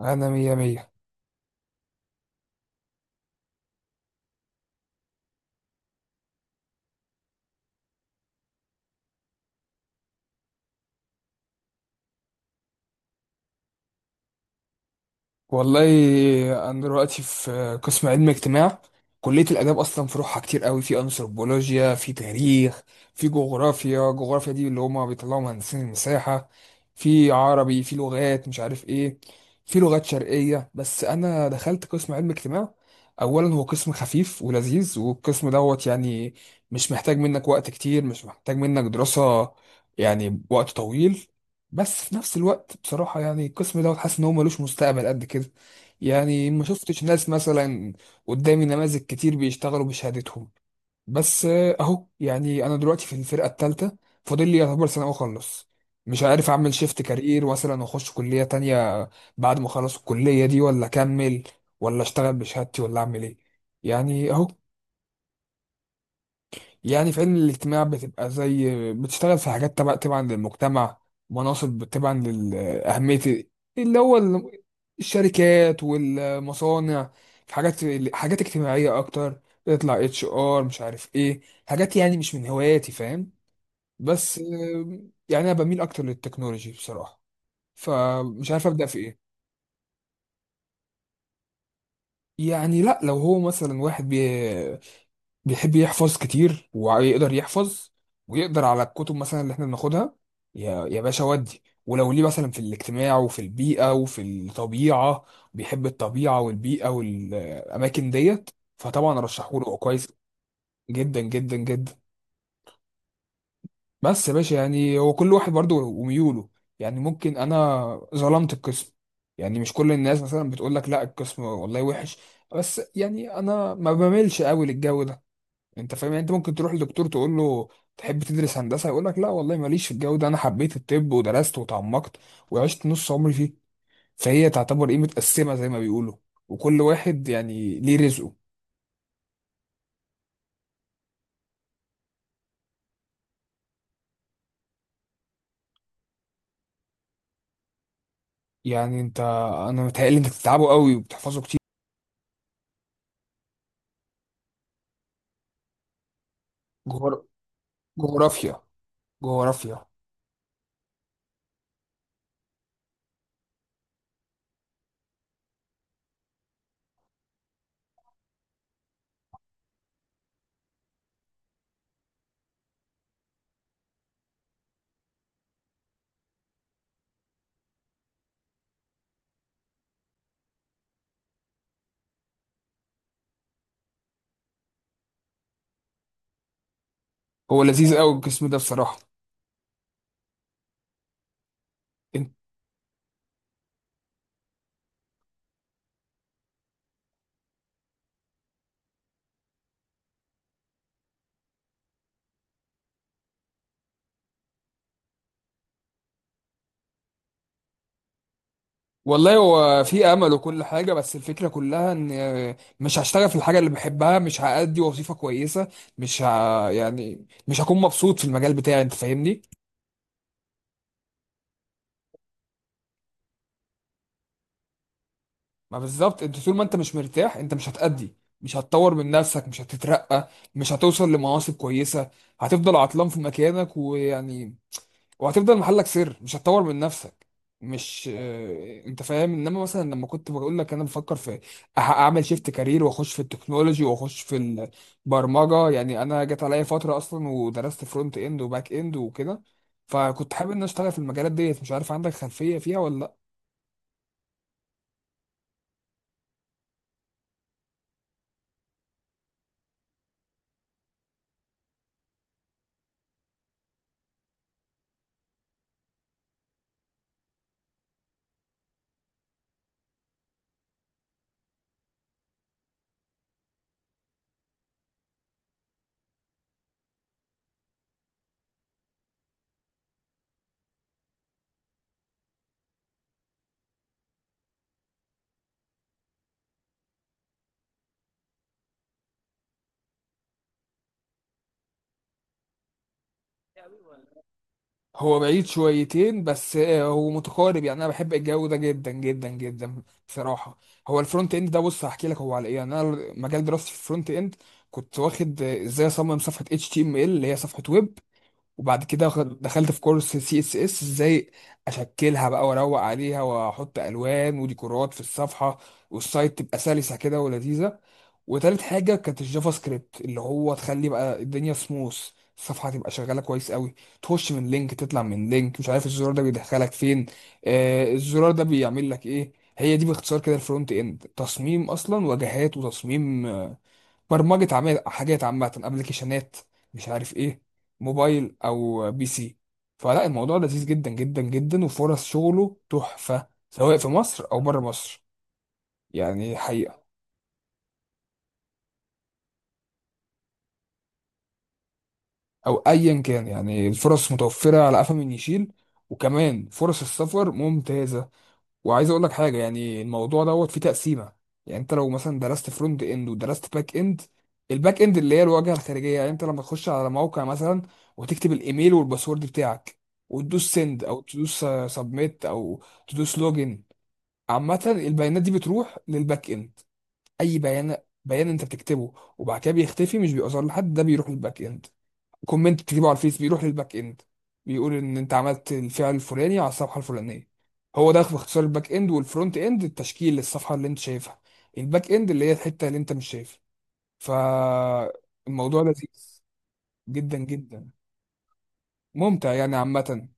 انا مية مية. والله انا دلوقتي في قسم علم اجتماع. كلية الاداب اصلا فروعها كتير قوي، في انثروبولوجيا، في تاريخ، في جغرافيا. جغرافيا دي اللي هما بيطلعوا مهندسين المساحة. في عربي، في لغات مش عارف ايه، في لغات شرقية. بس انا دخلت قسم علم اجتماع. اولا هو قسم خفيف ولذيذ، والقسم دوت يعني مش محتاج منك وقت كتير، مش محتاج منك دراسة يعني وقت طويل. بس في نفس الوقت بصراحة يعني القسم دوت حاسس إن هو ملوش مستقبل قد كده. يعني ما شفتش ناس مثلا قدامي، نماذج كتير بيشتغلوا بشهادتهم. بس أهو يعني أنا دلوقتي في الفرقة التالتة، فاضل لي يعتبر سنة وأخلص. مش عارف أعمل شيفت كارير مثلا وأخش كلية تانية بعد ما أخلص الكلية دي، ولا أكمل ولا أشتغل بشهادتي، ولا أعمل إيه يعني أهو. يعني في علم الاجتماع بتبقى زي بتشتغل في حاجات تبعا للمجتمع، مناصب تبعا لأهمية اللي هو الشركات والمصانع. في حاجات اجتماعية أكتر، تطلع اتش ار مش عارف ايه. حاجات يعني مش من هواياتي، فاهم؟ بس يعني أنا بميل أكتر للتكنولوجي بصراحة. فمش عارف أبدأ في ايه. يعني لا، لو هو مثلا واحد بيحب يحفظ كتير ويقدر يحفظ، ويقدر على الكتب مثلا اللي احنا بناخدها، يا باشا، ودي ولو ليه مثلا في الاجتماع وفي البيئة وفي الطبيعة، بيحب الطبيعة والبيئة والأماكن ديت، فطبعا رشحوله، هو كويس جدا جدا جدا. بس يا باشا يعني هو كل واحد برضه وميوله. يعني ممكن أنا ظلمت القسم، يعني مش كل الناس مثلا بتقول لك لا القسم والله وحش، بس يعني أنا ما بميلش قوي للجو ده. انت فاهم؟ يعني انت ممكن تروح لدكتور تقول له تحب تدرس هندسه، يقول لك لا والله ماليش في الجو ده، انا حبيت الطب ودرست وتعمقت وعشت نص عمري فيه. فهي تعتبر ايه، متقسمه زي ما بيقولوا، وكل واحد يعني ليه رزقه. يعني انت، انا متهيألي انك بتتعبوا قوي وبتحفظوا كتير. جغر... جغرافيا جغرافيا. هو لذيذ قوي القسم ده بصراحه. والله هو في امل وكل حاجه، بس الفكره كلها ان مش هشتغل في الحاجه اللي بحبها، مش هأدي وظيفه كويسه، مش ه... يعني مش هكون مبسوط في المجال بتاعي. انت فاهمني؟ ما بالظبط، انت طول ما انت مش مرتاح انت مش هتأدي، مش هتطور من نفسك، مش هتترقى، مش هتوصل لمناصب كويسه، هتفضل عطلان في مكانك، ويعني وهتفضل محلك سر، مش هتطور من نفسك. مش انت فاهم؟ انما مثلا لما كنت بقول لك انا بفكر في اعمل شيفت كارير واخش في التكنولوجي واخش في البرمجه، يعني انا جت عليا فتره اصلا ودرست فرونت اند وباك اند وكده. فكنت حابب ان أنا اشتغل في المجالات ديت. مش عارف عندك خلفيه فيها ولا؟ هو بعيد شويتين بس هو متقارب، يعني انا بحب الجو ده جدا جدا جدا بصراحه. هو الفرونت اند ده، بص هحكي لك هو على ايه. يعني انا مجال دراستي في الفرونت اند، كنت واخد ازاي اصمم صفحه اتش تي ام ال اللي هي صفحه ويب، وبعد كده دخلت في كورس سي اس اس ازاي اشكلها بقى واروق عليها واحط الوان وديكورات في الصفحه، والسايت تبقى سلسه كده ولذيذه. وتالت حاجه كانت الجافا سكريبت، اللي هو تخلي بقى الدنيا سموث، الصفحه تبقى شغاله كويس قوي، تخش من لينك تطلع من لينك، مش عارف الزرار ده بيدخلك فين، الزرار ده بيعمل لك ايه. هي دي باختصار كده الفرونت اند، تصميم اصلا واجهات وتصميم برمجة، حاجات عامة، ابلكيشنات مش عارف ايه، موبايل او بي سي. فلا الموضوع لذيذ جدا جدا جدا، وفرص شغله تحفة سواء في مصر او بره مصر يعني حقيقة. او ايا كان، يعني الفرص متوفرة على قفا من يشيل، وكمان فرص السفر ممتازة. وعايز اقول لك حاجه، يعني الموضوع دوت فيه تقسيمه. يعني انت لو مثلا درست فرونت اند ودرست باك اند، الباك اند اللي هي الواجهه الخارجيه، يعني انت لما تخش على موقع مثلا وتكتب الايميل والباسورد بتاعك، وتدوس سند او تدوس سبميت او تدوس لوجن، عامه البيانات دي بتروح للباك اند. اي بيان انت بتكتبه وبعد كده بيختفي مش بيظهر لحد، ده بيروح للباك اند. كومنت تجيبه على الفيس بيروح للباك اند، بيقول ان انت عملت الفعل الفلاني على الصفحه الفلانيه. هو ده باختصار الباك اند والفرونت اند، التشكيل للصفحه اللي انت شايفها، الباك اند اللي هي الحته اللي انت مش شايفها. فالموضوع لذيذ جدا جدا، ممتع يعني عامه.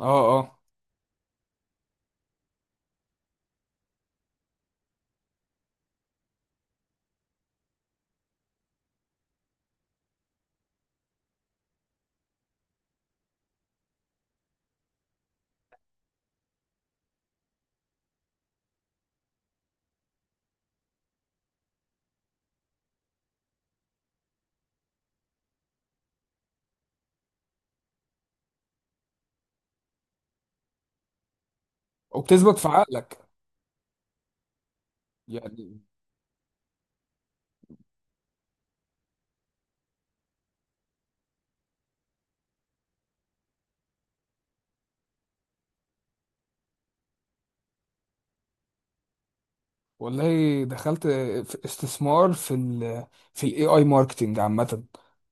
اه، اه، وبتثبت في عقلك يعني. والله دخلت في استثمار في ال في الاي اي ماركتنج عامه.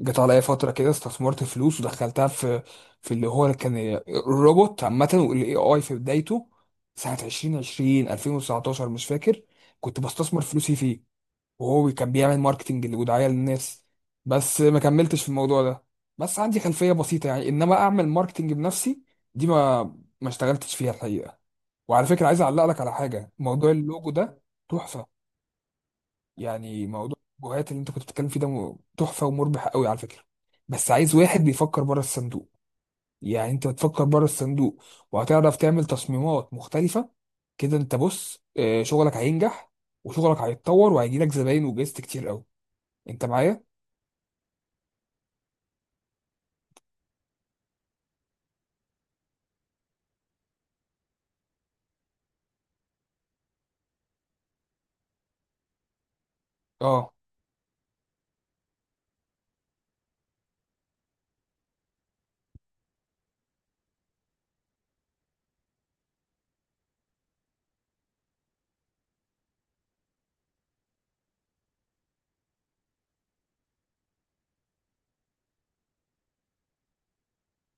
جت عليا فتره كده، استثمرت فلوس ودخلتها في اللي هو كان الروبوت عامه، والاي اي في بدايته، سنه 2020 2019 مش فاكر. كنت بستثمر فلوسي فيه، وهو كان بيعمل ماركتنج ودعاية للناس. بس ما كملتش في الموضوع ده. بس عندي خلفية بسيطة، يعني انما اعمل ماركتنج بنفسي، دي ما اشتغلتش فيها الحقيقة. وعلى فكرة عايز اعلق لك على حاجة، موضوع اللوجو ده تحفة. يعني موضوع اللوجوهات اللي انت كنت بتتكلم فيه ده تحفة ومربح قوي على فكرة، بس عايز واحد بيفكر بره الصندوق. يعني انت بتفكر بره الصندوق وهتعرف تعمل تصميمات مختلفة كده، انت بص شغلك هينجح وشغلك هيتطور وهيجيلك زباين وجايزت كتير قوي. انت معايا؟ اه،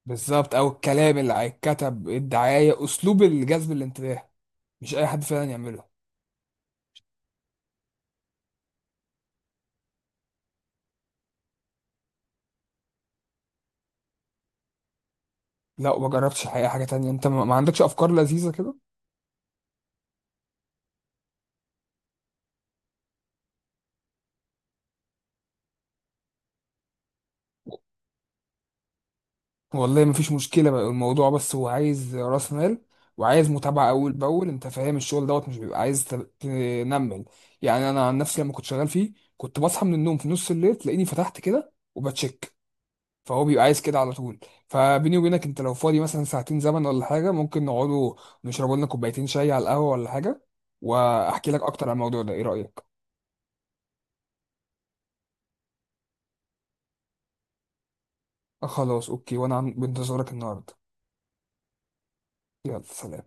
بالظبط. او الكلام اللي هيتكتب، الدعايه، اسلوب الجذب الانتباه، مش اي حد فعلا يعمله. لا، ما جربتش الحقيقه حاجه تانية. انت ما عندكش افكار لذيذه كده؟ والله ما فيش مشكله بقى. الموضوع بس هو عايز راس مال وعايز متابعه اول باول. انت فاهم؟ الشغل دوت مش بيبقى عايز تنمل. يعني انا عن نفسي لما كنت شغال فيه كنت بصحى من النوم في نص الليل، تلاقيني فتحت كده وبتشيك. فهو بيبقى عايز كده على طول. فبيني وبينك، انت لو فاضي مثلا ساعتين زمن ولا حاجه، ممكن نقعدوا نشربوا لنا كوبايتين شاي على القهوه ولا حاجه، واحكي لك اكتر عن الموضوع ده، ايه رايك؟ آه، خلاص اوكي، وانا بنتظرك النهارده. يلا سلام.